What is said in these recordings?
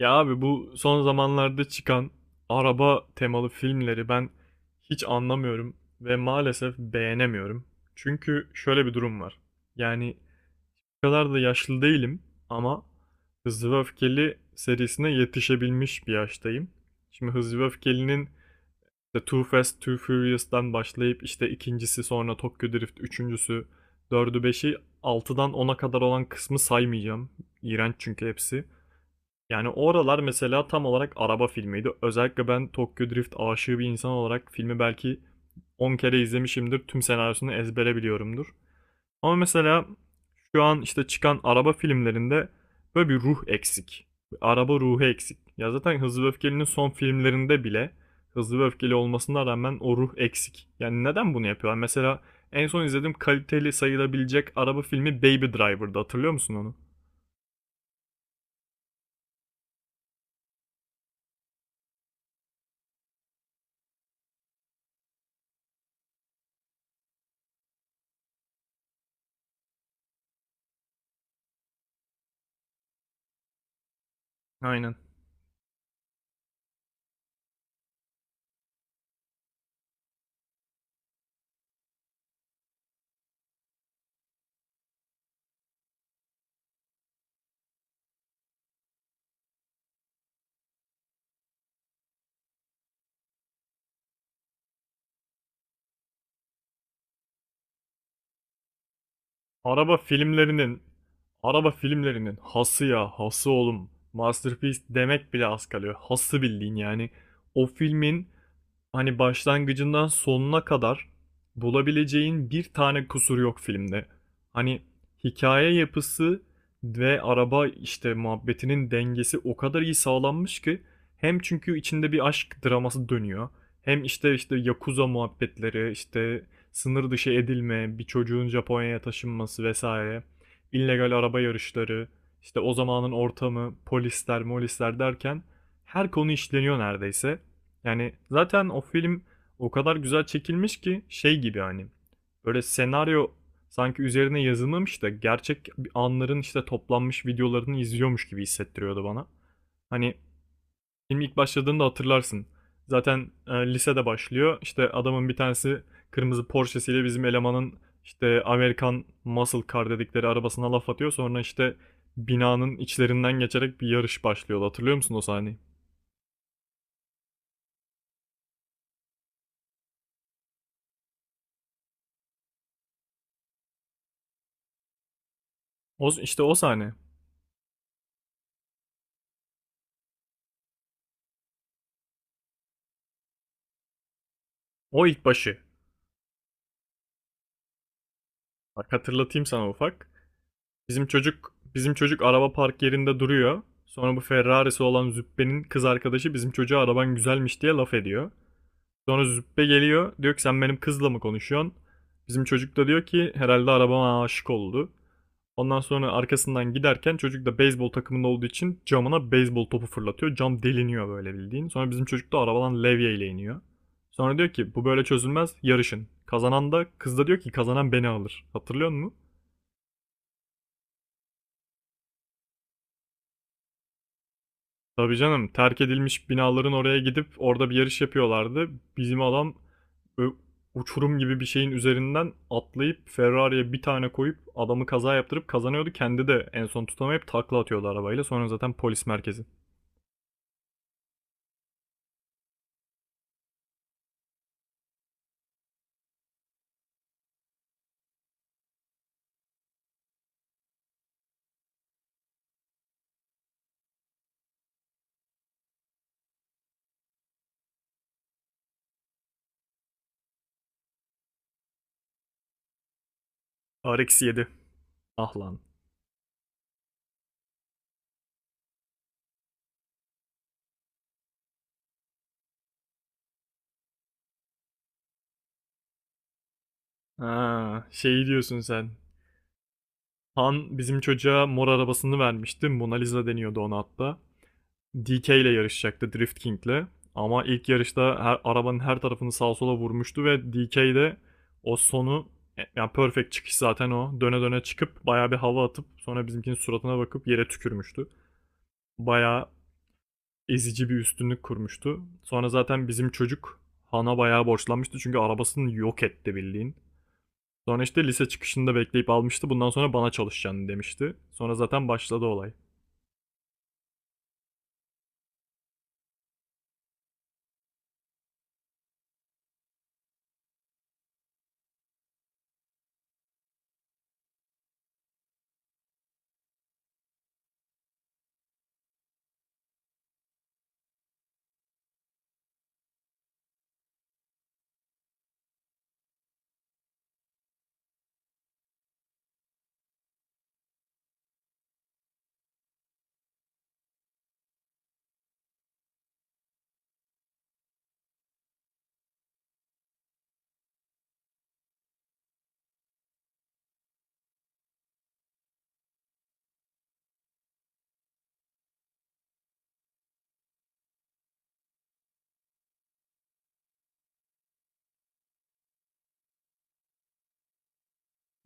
Ya abi bu son zamanlarda çıkan araba temalı filmleri ben hiç anlamıyorum ve maalesef beğenemiyorum. Çünkü şöyle bir durum var. Yani o kadar da yaşlı değilim ama Hızlı ve Öfkeli serisine yetişebilmiş bir yaştayım. Şimdi Hızlı ve Öfkeli'nin işte Too Fast, Too Furious'tan başlayıp işte ikincisi sonra Tokyo Drift, üçüncüsü, dördü, beşi, altıdan ona kadar olan kısmı saymayacağım. İğrenç çünkü hepsi. Yani oralar mesela tam olarak araba filmiydi. Özellikle ben Tokyo Drift aşığı bir insan olarak filmi belki 10 kere izlemişimdir. Tüm senaryosunu ezbere biliyorumdur. Ama mesela şu an işte çıkan araba filmlerinde böyle bir ruh eksik. Bir Araba ruhu eksik. Ya zaten Hızlı ve Öfkeli'nin son filmlerinde bile Hızlı ve Öfkeli olmasına rağmen o ruh eksik. Yani neden bunu yapıyorlar? Mesela en son izlediğim kaliteli sayılabilecek araba filmi Baby Driver'dı. Hatırlıyor musun onu? Aynen. Araba filmlerinin, araba filmlerinin hası ya, hası oğlum. Masterpiece demek bile az kalıyor. Hası bildiğin yani. O filmin hani başlangıcından sonuna kadar bulabileceğin bir tane kusur yok filmde. Hani hikaye yapısı ve araba işte muhabbetinin dengesi o kadar iyi sağlanmış ki hem çünkü içinde bir aşk draması dönüyor. Hem işte yakuza muhabbetleri, işte sınır dışı edilme, bir çocuğun Japonya'ya taşınması vesaire, illegal araba yarışları, işte o zamanın ortamı, polisler, molisler derken her konu işleniyor neredeyse. Yani zaten o film o kadar güzel çekilmiş ki şey gibi hani böyle senaryo sanki üzerine yazılmamış da gerçek anların işte toplanmış videolarını izliyormuş gibi hissettiriyordu bana. Hani film ilk başladığında hatırlarsın. Zaten lisede başlıyor. İşte adamın bir tanesi kırmızı Porsche'siyle bizim elemanın işte Amerikan Muscle Car dedikleri arabasına laf atıyor. Sonra işte binanın içlerinden geçerek bir yarış başlıyor. Hatırlıyor musun o sahneyi? O, işte o sahne. O ilk başı. Bak hatırlatayım sana ufak. Bizim çocuk araba park yerinde duruyor. Sonra bu Ferrari'si olan Züppe'nin kız arkadaşı bizim çocuğa araban güzelmiş diye laf ediyor. Sonra Züppe geliyor. Diyor ki sen benim kızla mı konuşuyorsun? Bizim çocuk da diyor ki herhalde arabama aşık oldu. Ondan sonra arkasından giderken çocuk da beyzbol takımında olduğu için camına beyzbol topu fırlatıyor. Cam deliniyor böyle bildiğin. Sonra bizim çocuk da arabadan levyeyle iniyor. Sonra diyor ki bu böyle çözülmez yarışın. Kazanan da kız da diyor ki kazanan beni alır. Hatırlıyor musun? Tabii canım terk edilmiş binaların oraya gidip orada bir yarış yapıyorlardı. Bizim adam ö- uçurum gibi bir şeyin üzerinden atlayıp Ferrari'ye bir tane koyup adamı kaza yaptırıp kazanıyordu. Kendi de en son tutamayıp takla atıyordu arabayla. Sonra zaten polis merkezi. RX-7. Ah lan. Ha, şey diyorsun sen. Han bizim çocuğa mor arabasını vermişti. Mona Lisa deniyordu ona hatta. DK ile yarışacaktı Drift King'le. Ama ilk yarışta arabanın her tarafını sağa sola vurmuştu ve DK de o sonu yani perfect çıkış zaten o. Döne döne çıkıp bayağı bir hava atıp sonra bizimkinin suratına bakıp yere tükürmüştü. Bayağı ezici bir üstünlük kurmuştu. Sonra zaten bizim çocuk Han'a bayağı borçlanmıştı çünkü arabasını yok etti bildiğin. Sonra işte lise çıkışında bekleyip almıştı. Bundan sonra bana çalışacaksın demişti. Sonra zaten başladı olay.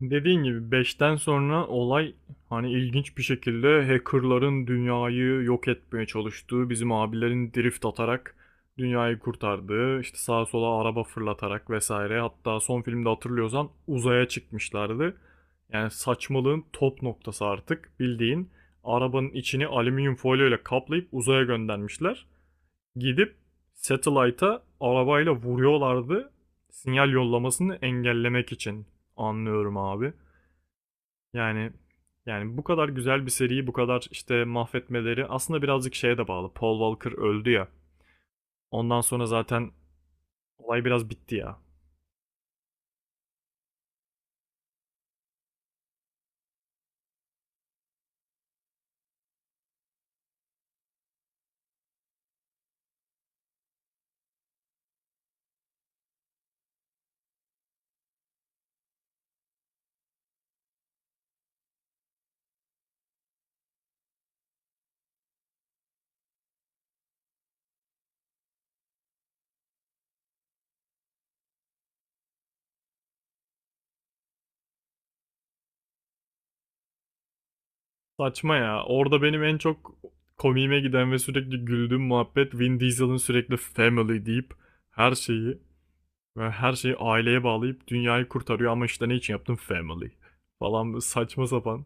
Dediğin gibi beşten sonra olay hani ilginç bir şekilde hackerların dünyayı yok etmeye çalıştığı, bizim abilerin drift atarak dünyayı kurtardığı, işte sağa sola araba fırlatarak vesaire. Hatta son filmde hatırlıyorsan uzaya çıkmışlardı. Yani saçmalığın top noktası artık bildiğin arabanın içini alüminyum folyo ile kaplayıp uzaya göndermişler. Gidip satellite'a arabayla vuruyorlardı sinyal yollamasını engellemek için. Anlıyorum abi. Yani yani bu kadar güzel bir seriyi bu kadar işte mahvetmeleri aslında birazcık şeye de bağlı. Paul Walker öldü ya. Ondan sonra zaten olay biraz bitti ya. Saçma ya. Orada benim en çok komiğime giden ve sürekli güldüğüm muhabbet Vin Diesel'ın sürekli family deyip her şeyi her şeyi aileye bağlayıp dünyayı kurtarıyor ama işte ne için yaptım family falan saçma sapan.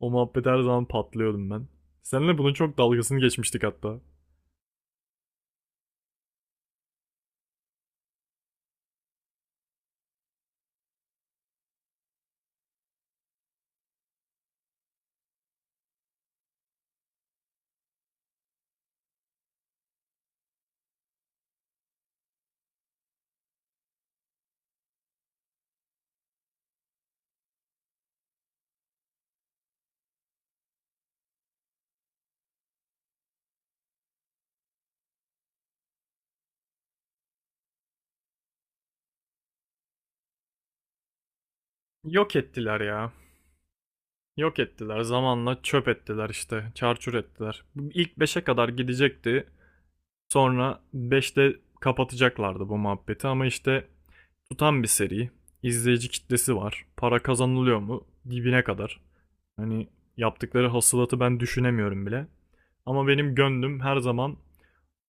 O muhabbet her zaman patlıyordum ben. Seninle bunun çok dalgasını geçmiştik hatta. Yok ettiler ya. Yok ettiler. Zamanla çöp ettiler işte. Çarçur ettiler. İlk beşe kadar gidecekti. Sonra beşte kapatacaklardı bu muhabbeti ama işte tutan bir seri. İzleyici kitlesi var. Para kazanılıyor mu? Dibine kadar. Hani yaptıkları hasılatı ben düşünemiyorum bile. Ama benim gönlüm her zaman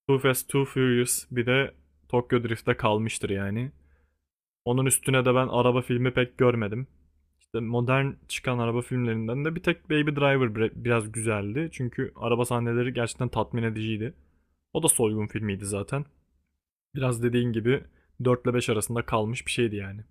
Too Fast Too Furious bir de Tokyo Drift'te kalmıştır yani. Onun üstüne de ben araba filmi pek görmedim. İşte modern çıkan araba filmlerinden de bir tek Baby Driver biraz güzeldi. Çünkü araba sahneleri gerçekten tatmin ediciydi. O da soygun filmiydi zaten. Biraz dediğin gibi 4 ile 5 arasında kalmış bir şeydi yani.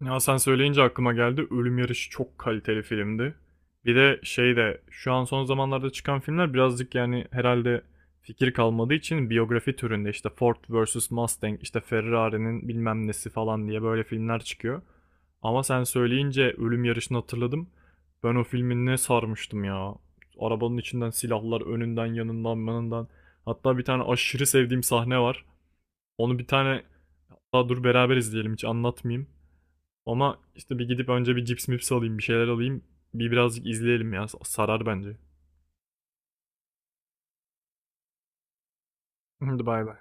Ya sen söyleyince aklıma geldi. Ölüm Yarışı çok kaliteli filmdi. Bir de şey de şu an son zamanlarda çıkan filmler birazcık yani herhalde fikir kalmadığı için biyografi türünde işte Ford vs Mustang, işte Ferrari'nin bilmem nesi falan diye böyle filmler çıkıyor. Ama sen söyleyince Ölüm Yarışı'nı hatırladım. Ben o filmi ne sarmıştım ya. Arabanın içinden silahlar önünden yanından yanından. Hatta bir tane aşırı sevdiğim sahne var. Onu bir tane daha dur beraber izleyelim hiç anlatmayayım. Ama işte bir gidip önce bir cips mips alayım, bir şeyler alayım. Birazcık izleyelim ya. Sarar bence. Hadi bay bay.